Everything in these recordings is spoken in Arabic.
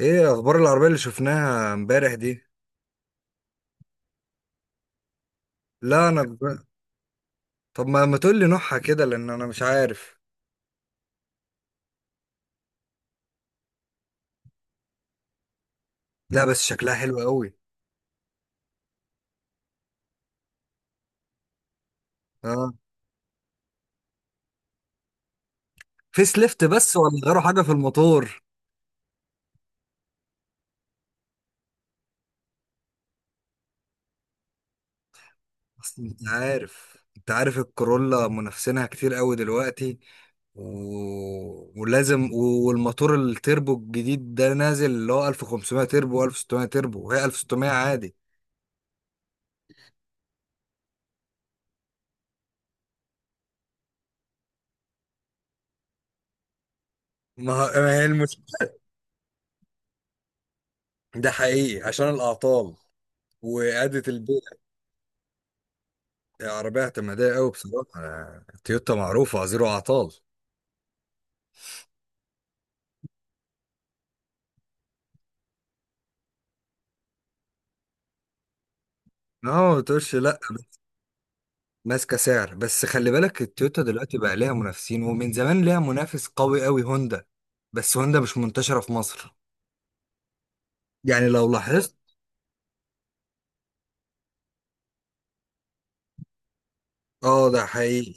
ايه اخبار العربية اللي شفناها امبارح دي؟ لا. طب ما تقول لي نوعها كده، لان انا مش عارف. لا بس شكلها حلو قوي. اه. فيس ليفت بس، ولا غيروا حاجة في الموتور؟ اصل انت عارف الكورولا منافسينها كتير قوي دلوقتي، و... ولازم والموتور التربو الجديد ده نازل، اللي هو 1500 تربو و1600 تربو، وهي 1600 عادي. ما ما هي المشكلة. ده حقيقي عشان الأعطال وإعادة البيع. عربية اعتمادية قوي، بصراحة تويوتا معروفة زيرو أعطال. اه، ما تقولش لأ بس. ماسكة سعر، بس خلي بالك، التويوتا دلوقتي بقى ليها منافسين، ومن زمان ليها منافس قوي قوي، هوندا. بس هوندا مش منتشرة في مصر. يعني لو لاحظت. اه، ده حقيقي.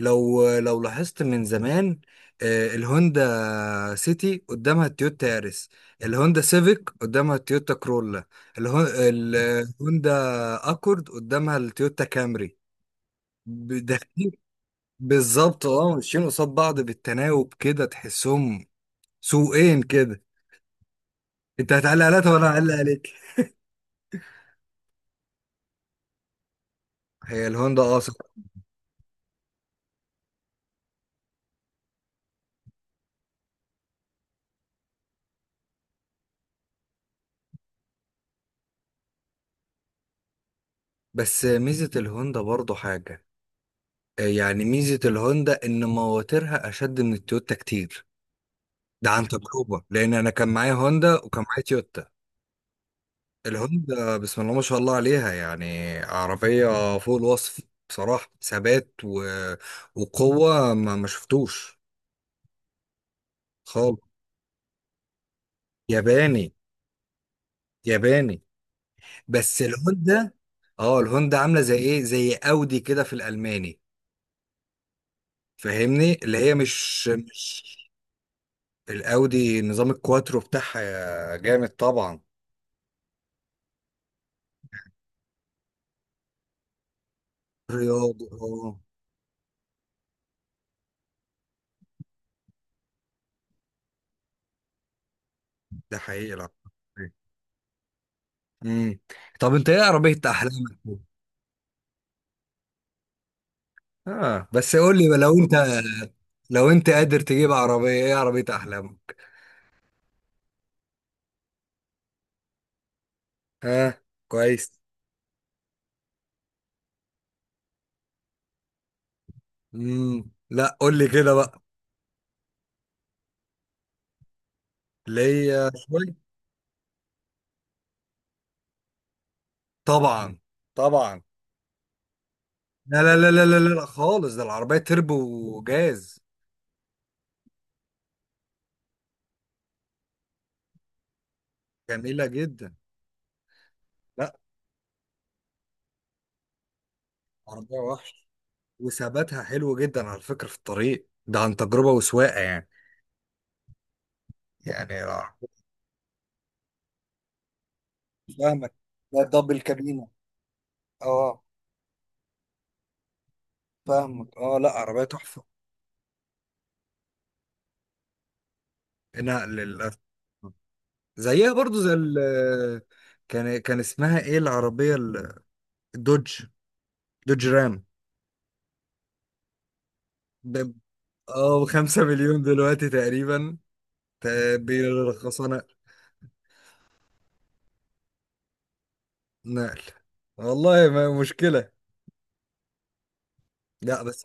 لو لاحظت من زمان، الهوندا سيتي قدامها التويوتا ياريس، الهوندا سيفيك قدامها التويوتا كرولا، الهوندا اكورد قدامها التويوتا كامري. داخلين. بالظبط، اه، ماشيين قصاد بعض بالتناوب كده، تحسهم سوقين كده. انت هتعلق عليها وانا هعلق عليك. هي الهوندا، صح. بس ميزة الهوندا برضو حاجة. يعني ميزة الهوندا ان مواترها اشد من التويوتا كتير. ده عن تجربة، لان انا كان معايا هوندا وكان معايا تويوتا. الهوندا بسم الله ما شاء الله عليها، يعني عربية فوق الوصف. بصراحة ثبات و... وقوة ما شفتوش خالص. ياباني. ياباني. بس الهوندا، اه الهوندا عامله زي ايه، زي اودي كده في الالماني. فاهمني؟ اللي هي مش. الاودي نظام الكواترو بتاعها جامد طبعا. رياضي، اه. ده حقيقي، لا. امم. طب انت ايه عربيه احلامك؟ اه بس قول لي بقى، لو انت، لو انت قادر تجيب عربيه، ايه عربيه احلامك؟ ها. كويس. لا، قول لي كده بقى. اللي هي شويه. طبعا، طبعا. لا لا لا لا لا لا لا، خالص، ده العربيه تربو وجاز. جميلة جدا. لا، عربية وحش، وثباتها حلو جدا على فكرة في الطريق، ده عن تجربة وسواقة يعني. يعني. فاهمك. لا، دبل كابينة. اه. فاهمك، لا عربية تحفة. انها للأسف. زيها برضو زي ال. كان اسمها ايه العربية؟ الدوج. دوج رام. ب- اه، 5 مليون دلوقتي تقريبا. ت- بيرخصوها نقل. نقل. والله ما مشكلة. لا بس.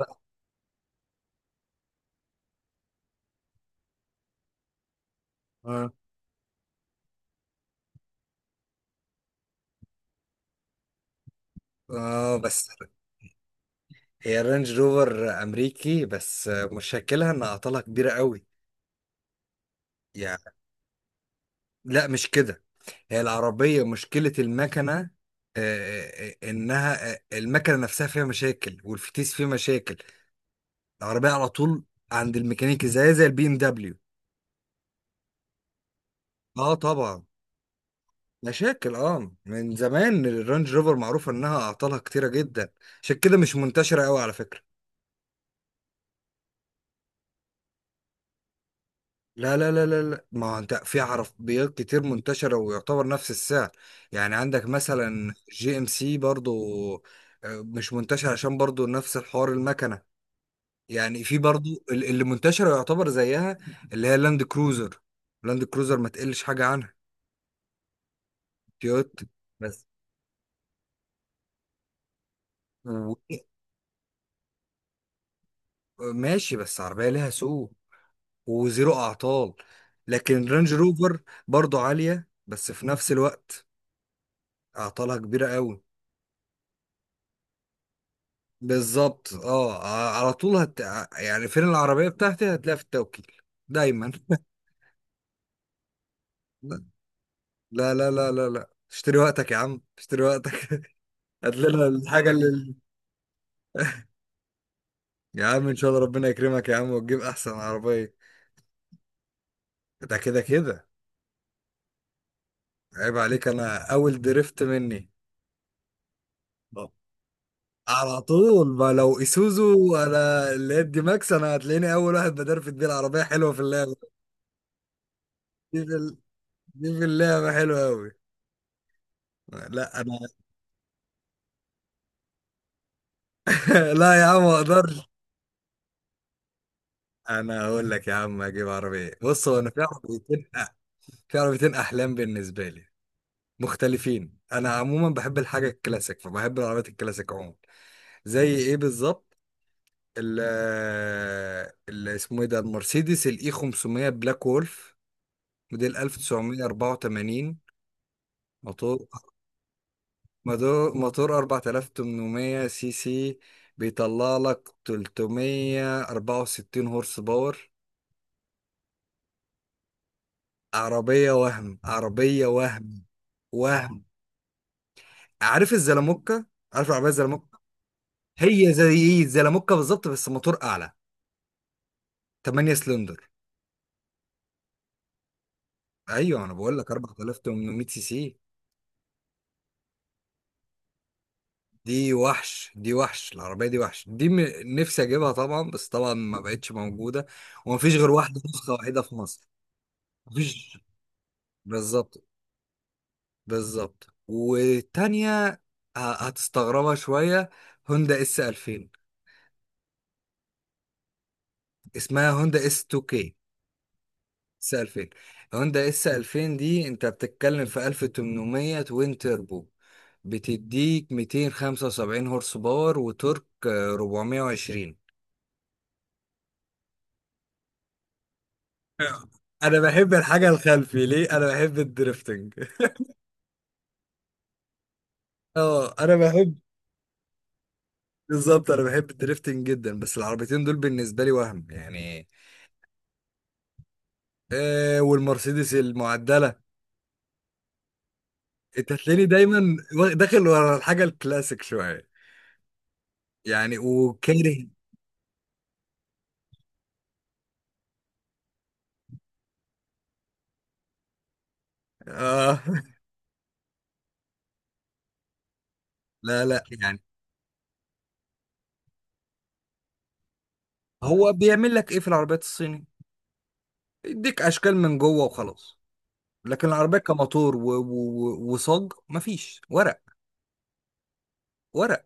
اه. آه بس، هي الرينج روفر امريكي، بس مشكلها ان اعطالها كبيره قوي. يعني. لا مش كده. هي العربيه مشكله المكنه، انها المكنه نفسها فيها مشاكل، والفتيس فيه مشاكل. العربيه على طول عند الميكانيكي، زي البي ام دبليو. اه طبعا. مشاكل، من زمان الرينج روفر معروفه انها اعطالها كتيره جدا، عشان كده مش منتشره قوي على فكره. لا لا لا لا لا، ما هو انت في عربيات كتير منتشرة ويعتبر نفس السعر. يعني عندك مثلا، جي ام سي برضو. مش منتشر عشان برضو نفس الحوار، المكنة. يعني في برضو اللي منتشرة يعتبر زيها. اللي هي لاند كروزر. لاند كروزر ما تقلش حاجة عنها. تويوتا. بس و- ماشي، بس عربية ليها سوق وزيرو أعطال. لكن رانج روفر برضو عالية، بس في نفس الوقت أعطالها كبيرة قوي. بالظبط، اه. على طول هت... يعني فين العربية بتاعتي؟ هتلاقيها في التوكيل دايما. لا لا لا لا لا لا. اشتري وقتك يا عم، اشتري وقتك. هات لنا الحاجة اللي. يا عم ان شاء الله ربنا يكرمك يا عم، وتجيب احسن عربية. ده كده كده. عيب عليك، انا اول درفت مني. آه. على طول. ما لو اسوزو انا، اللي هي دي ماكس، انا هتلاقيني اول واحد بدرفت بيه. العربية حلوة في اللعبة. دي في, ال... دي في اللعبة حلوة قوي. لا انا. لا يا عم ما اقدرش. انا هقول لك يا عم اجيب عربيه. بص، هو انا في عربيتين، في عربيتين احلام بالنسبه لي. مختلفين. انا عموما بحب الحاجه الكلاسيك، فبحب العربيات الكلاسيك عموما. زي ايه بالظبط؟ ال اللي اسمه ايه ده، المرسيدس الاي 500 بلاك وولف، موديل 1984. موتور، موتور 4800 سي سي، بيطلع لك 364 هورس باور. عربيه وهم، عربيه وهم، وهم. عارف الزلموكة؟ عارف العربية الزلموكة؟ هي زي الزلموكة بالظبط بس موتور اعلى، 8 سلندر. ايوه انا بقول لك 4800 سي سي. دي وحش العربية، دي وحش. نفسي اجيبها طبعا، بس طبعا ما بقتش موجودة، ومفيش غير واحدة، نسخة واحدة في مصر. مفيش. بالظبط. بالظبط. والتانية هتستغربها شوية، هوندا اس 2000. اسمها هوندا اس 2 كي، اس 2000. هوندا اس 2000 دي انت بتتكلم في 1800 توين تيربو، بتديك 275 هورس باور وتورك 420. انا بحب الحاجه الخلفي، ليه؟ انا بحب الدريفتنج. اه انا بحب. بالظبط. انا بحب الدريفتنج جدا. بس العربيتين دول بالنسبه لي وهم يعني. والمرسيدس المعدله. انت هتلاقيني دايما داخل ورا الحاجه الكلاسيك شويه، يعني وكاره. اه. لا لا، يعني. هو بيعمل لك ايه في العربيات الصيني؟ يديك اشكال من جوه وخلاص. لكن العربيات كموتور وصاج، مفيش ورق. ورق.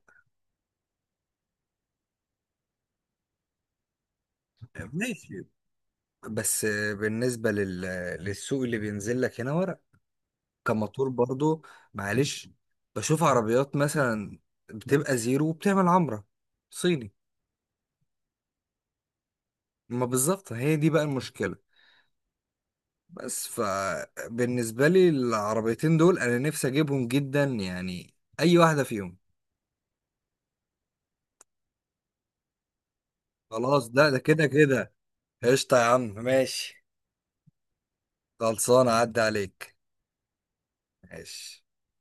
ماشي بس. بالنسبة لل... للسوق اللي بينزل لك هنا ورق، كموتور برضو. معلش. بشوف عربيات مثلا بتبقى زيرو وبتعمل عمرة، صيني. ما بالظبط، هي دي بقى المشكلة. بس فبالنسبة لي العربيتين دول انا نفسي اجيبهم جدا يعني، اي واحدة فيهم. خلاص، ده كده كده. قشطة يا عم، ماشي. خلصانة عدى عليك. ماشي.